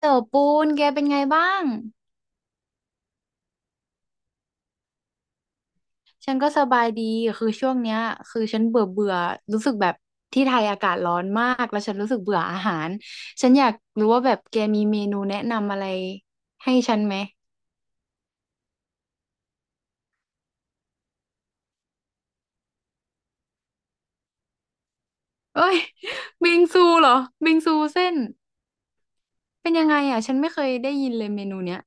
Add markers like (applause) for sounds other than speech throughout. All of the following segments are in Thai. เต๋อปูนแกเป็นไงบ้าง ฉันก็สบายดีคือช่วงเนี้ยคือฉันเบื่อเบื่อรู้สึกแบบที่ไทยอากาศร้อนมาก แล้วฉันรู้สึกเบื่ออาหาร ฉันอยากรู้ว่าแบบแกมีเมนูแนะนำอะไรให้ฉันไหมเอ้ย (laughs) บิงซูเหรอบิงซูเส้นเป็นยังไงอ่ะฉันไม่เคยได้ยินเลยเมนูเนี้ย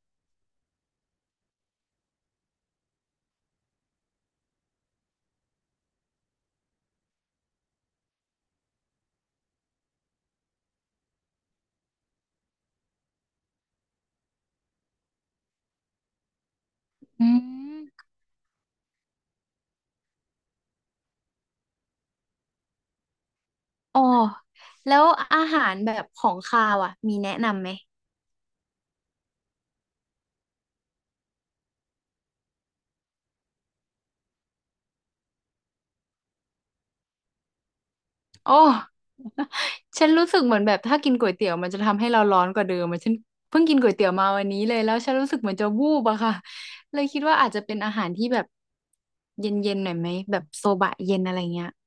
อืมอ๋อแล้วอาหารแบบของคาวอ่ะมีแนะนำไหม โอ้ (laughs) ฉันรู้สึกเหมือนแบบถ้ากินก๋วยเตี๋ยวมันจะทำให้เราร้อนกว่าเดิมอะฉันเพิ่งกินก๋วยเตี๋ยวมาวันนี้เลยแล้วฉันรู้สึกเหมือนจะวูบอะค่ะเลยคิดว่าอาจจะเป็นอาหารที่แบบเย็นๆหน่อยไหมแบบโซบะเย็นอะไรเงี้ย (laughs)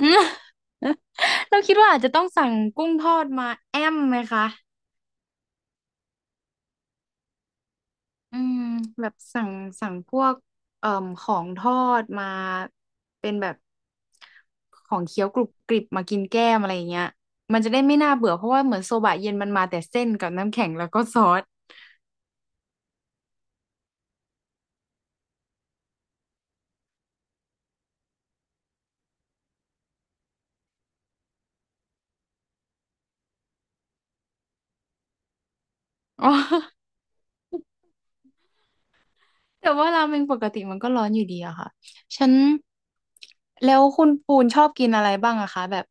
อืม (laughs) เราคิดว่าอาจจะต้องสั่งกุ้งทอดมาแอมไหมคะ อืมแบบสั่งพวกเอ่อของทอดมาเป็นแบบของเคี้ยวกรุบกริบมากินแก้มอะไรอย่างเงี้ยมันจะได้ไม่น่าเบื่อเพราะว่าเหมือนโซบะเย็นมันมาแต่เส้นกับน้ำแข็งแล้วก็ซอส (laughs) อ๋อแต่ว่าราเมงปกติมันก็ร้อนอยู่ดีอะค่ะฉันแล้วคุณปูนชอบกินอะไรบ้างอะคะแบบ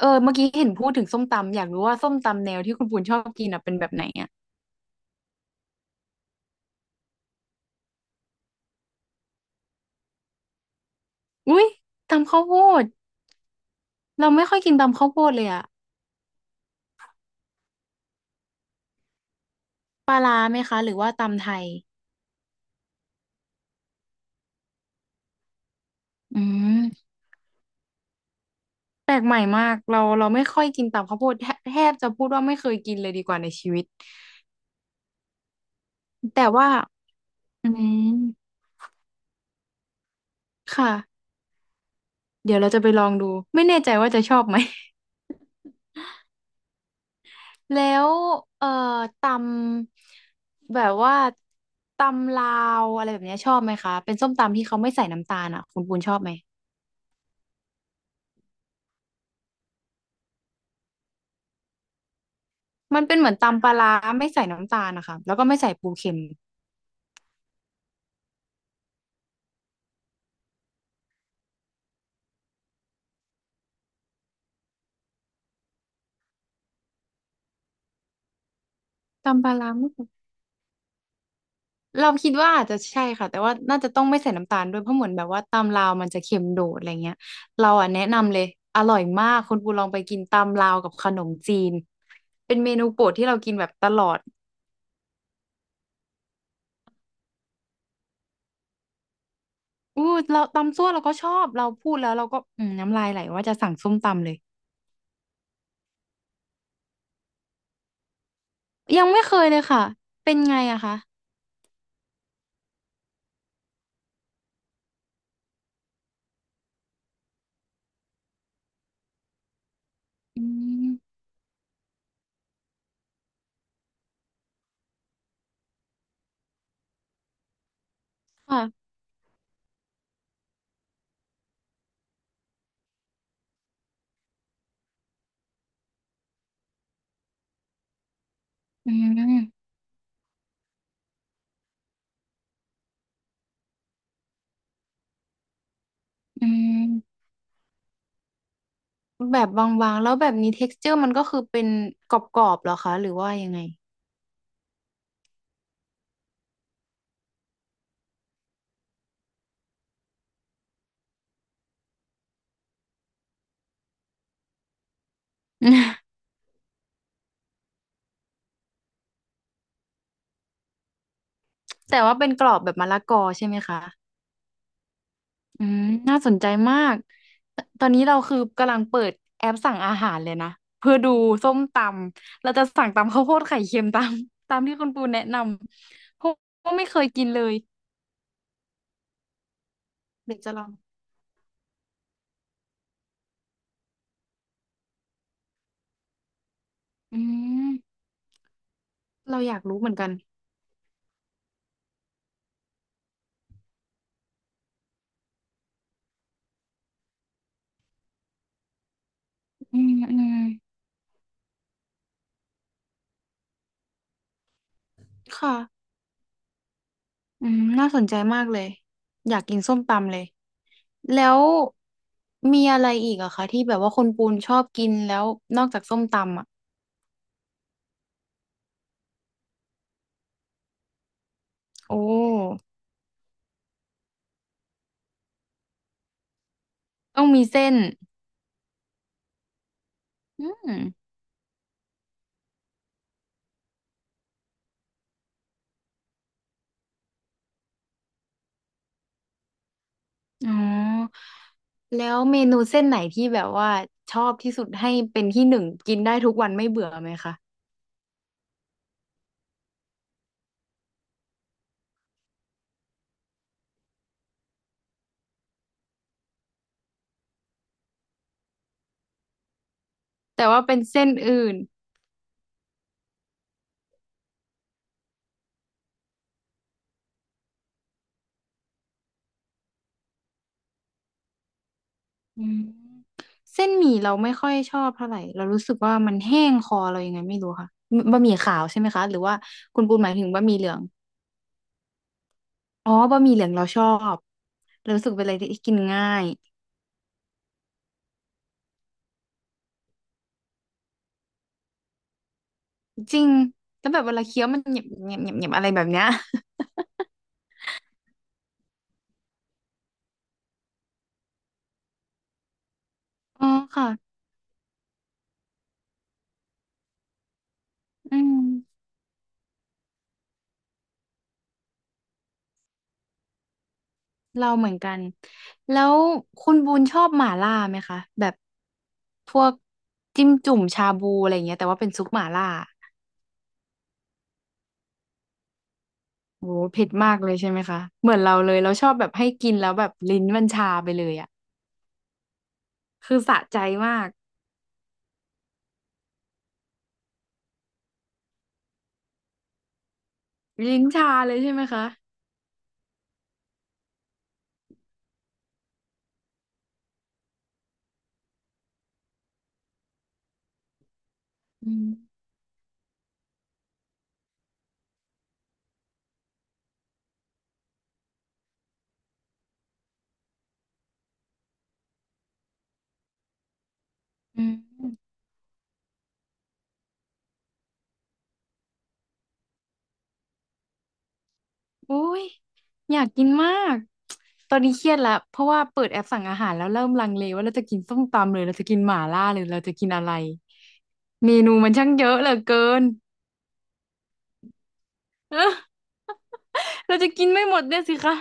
เออเมื่อกี้เห็นพูดถึงส้มตำอยากรู้ว่าส้มตำแนวที่คุณปูนชอบกินอะเป็นแบบไหนอะอุ้ยตำข้าวโพดเราไม่ค่อยกินตำข้าวโพดเลยอะ ปลาร้าไหมคะหรือว่าตำไทยอืมแปลกใหม่มากเราไม่ค่อยกินตำข้าวโพดแทแทบจะพูดว่าไม่เคยกินเลยดีกว่าในชีวิตแต่ว่าอืมค่ะเดี๋ยวเราจะไปลองดูไม่แน่ใจว่าจะชอบไหม (laughs) แล้วเอ่อตำแบบว่าตำลาวอะไรแบบเนี้ยชอบไหมคะเป็นส้มตำที่เขาไม่ใส่น้ำตาลอ่ะคุณปูนชอบไหมมันเป็นเหมือนตำปลาร้าไม่ใส่น้ำตาลนะคะแล้วก็ไม่ใส่ปูเค็มตำปลาร้าไม่ใส่ เราคิดว่าอาจจะใช่ค่ะแต่ว่าน่าจะต้องไม่ใส่น้ำตาลด้วยเพราะเหมือนแบบว่าตำลาวมันจะเค็มโดดอะไรเงี้ยเราอ่ะแนะนำเลยอร่อยมากคุณปูลองไปกินตำลาวกับขนมจีนเป็นเมนูโปรดที่เรากินแบบตลอดอู้เราตำซั่วเราก็ชอบเราพูดแล้วเราก็อืมน้ำลายไหลว่าจะสั่งส้มตำเลยยังไม่เคยเลยค่ะเป็นไงอะคะอืมค่ะอืมอืมแบบบางๆแล้วแบบนี้ texture มันก็คือเป็นกรอบๆเหรอคะหรือว่ายังไง (laughs) แต่ว่าเป็นกรอบแบบมะละกอใช่ไหมคะอืมน่าสนใจมาก ตอนนี้เราคือกำลังเปิดแอปสั่งอาหารเลยนะ เพื่อดูส้มตำเราจะสั่งตำข้าวโพดไข่เค็มตาม (laughs) ตามที่คุณปูแนะนำเพราะว่าไม่เคยกินเลยเดี๋ยวจะลองอืมเราอยากรู้เหมือนกันอืมอืมค่ะอืมน่าสนใจมากเลย อยากกินส้มตำเลยแล้วมีอะไรอีกอะคะที่แบบว่าคนปูนชอบกินแล้วนอกจากส้มตำอะโอ้ ต้องมีเส้นอืมอ๋อ แล้วเมนูเส้นไหนที่แบบว่าชอบที่สุดให้เป็นที่หนึ่งกินได้ทุกวันไม่เบื่อไหมคะ แต่ว่าเป็นเส้นอื่นอืมเส้นหมี่เราไม่ค่อยชอบเท่าไหร่เรารู้สึกว่ามันแห้งคอเรายังไงไม่รู้ค่ะบะหมี่ขาวใช่ไหมคะหรือว่าคุณปูนหมายถึงบะหมี่เหลือง อ๋อบะหมี่เหลืองเราชอบเรารู้สึกเป็นอะไรที่กินง่ายจริงแล้วแบบเวลาเคี้ยวมันเหนียบเหนียบเหนียบเหนียบอะไรแบบเนี้ย (laughs) อ๋อค่ะอืม เราเหมือนกัน แล้วคุณบูนชอบหม่าล่าไหมคะแบบพวกจิ้มจุ่มชาบูอะไรอย่างเงี้ยแต่ว่าเป็นซุปหม่าล่าโอ้โหเผ็ดมากเลยใช่ไหมคะเหมือนเราเลยเราชอบแบบให้กินแล้วแบบลิ้นมันชาไปเลยอ่ะคือสะใจมากลิ้นชาเลยใช่ไหมคะอืมอืมโอ้ยอยากกินมากตอนนี้เครียดแล้วเพราะว่าเปิดแอปสั่งอาหารแล้วเริ่มลังเลว่าเราจะกินส้มตำหรือเราจะกินหม่าล่าหรือเราจะกินอะไรเมนูมันช่างเยอะเหลือเกิน (laughs) เออเราจะกินไม่หมดเนี่ยสิคะ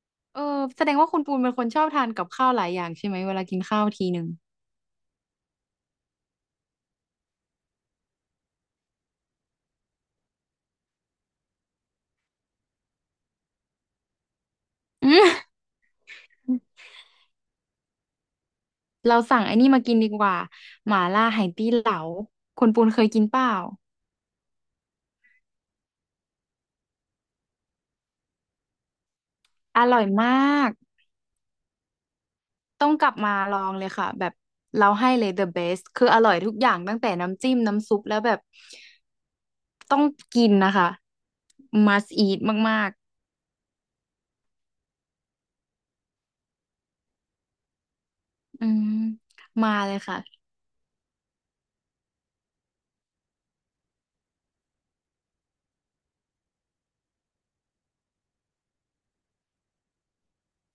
(laughs) เออแสดงว่าคุณปูนเป็นคนชอบทานกับข้าวหลายอย่างใช่ไหมเวลากินข้าวทีหนึ่ง (laughs) อืมเราสั่งไอ้นี่มากินดีกว่าหม่าล่าไหตี้เหลาคุณปูนเคยกินเปล่าอร่อยมากต้องกลับมาลองเลยค่ะแบบเราให้เลย the best คืออร่อยทุกอย่างตั้งแต่น้ำจิ้มน้ำซุปแล้วแบบต้องกินนะคะ must eat มากๆอืมมาเลยค่ะ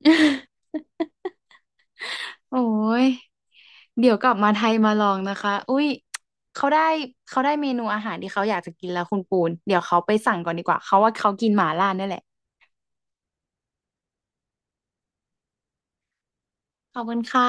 (laughs) โอ้ย เดี๋ยวกลับมาไทยมาลองนะคะอุ้ยเขาได้เขาได้เมนูอาหารที่เขาอยากจะกินแล้วคุณปูน เดี๋ยวเขาไปสั่งก่อนดีกว่าเขาว่าเขากินหม่าล่าเนี่ยแหละ ขอบคุณค่ะ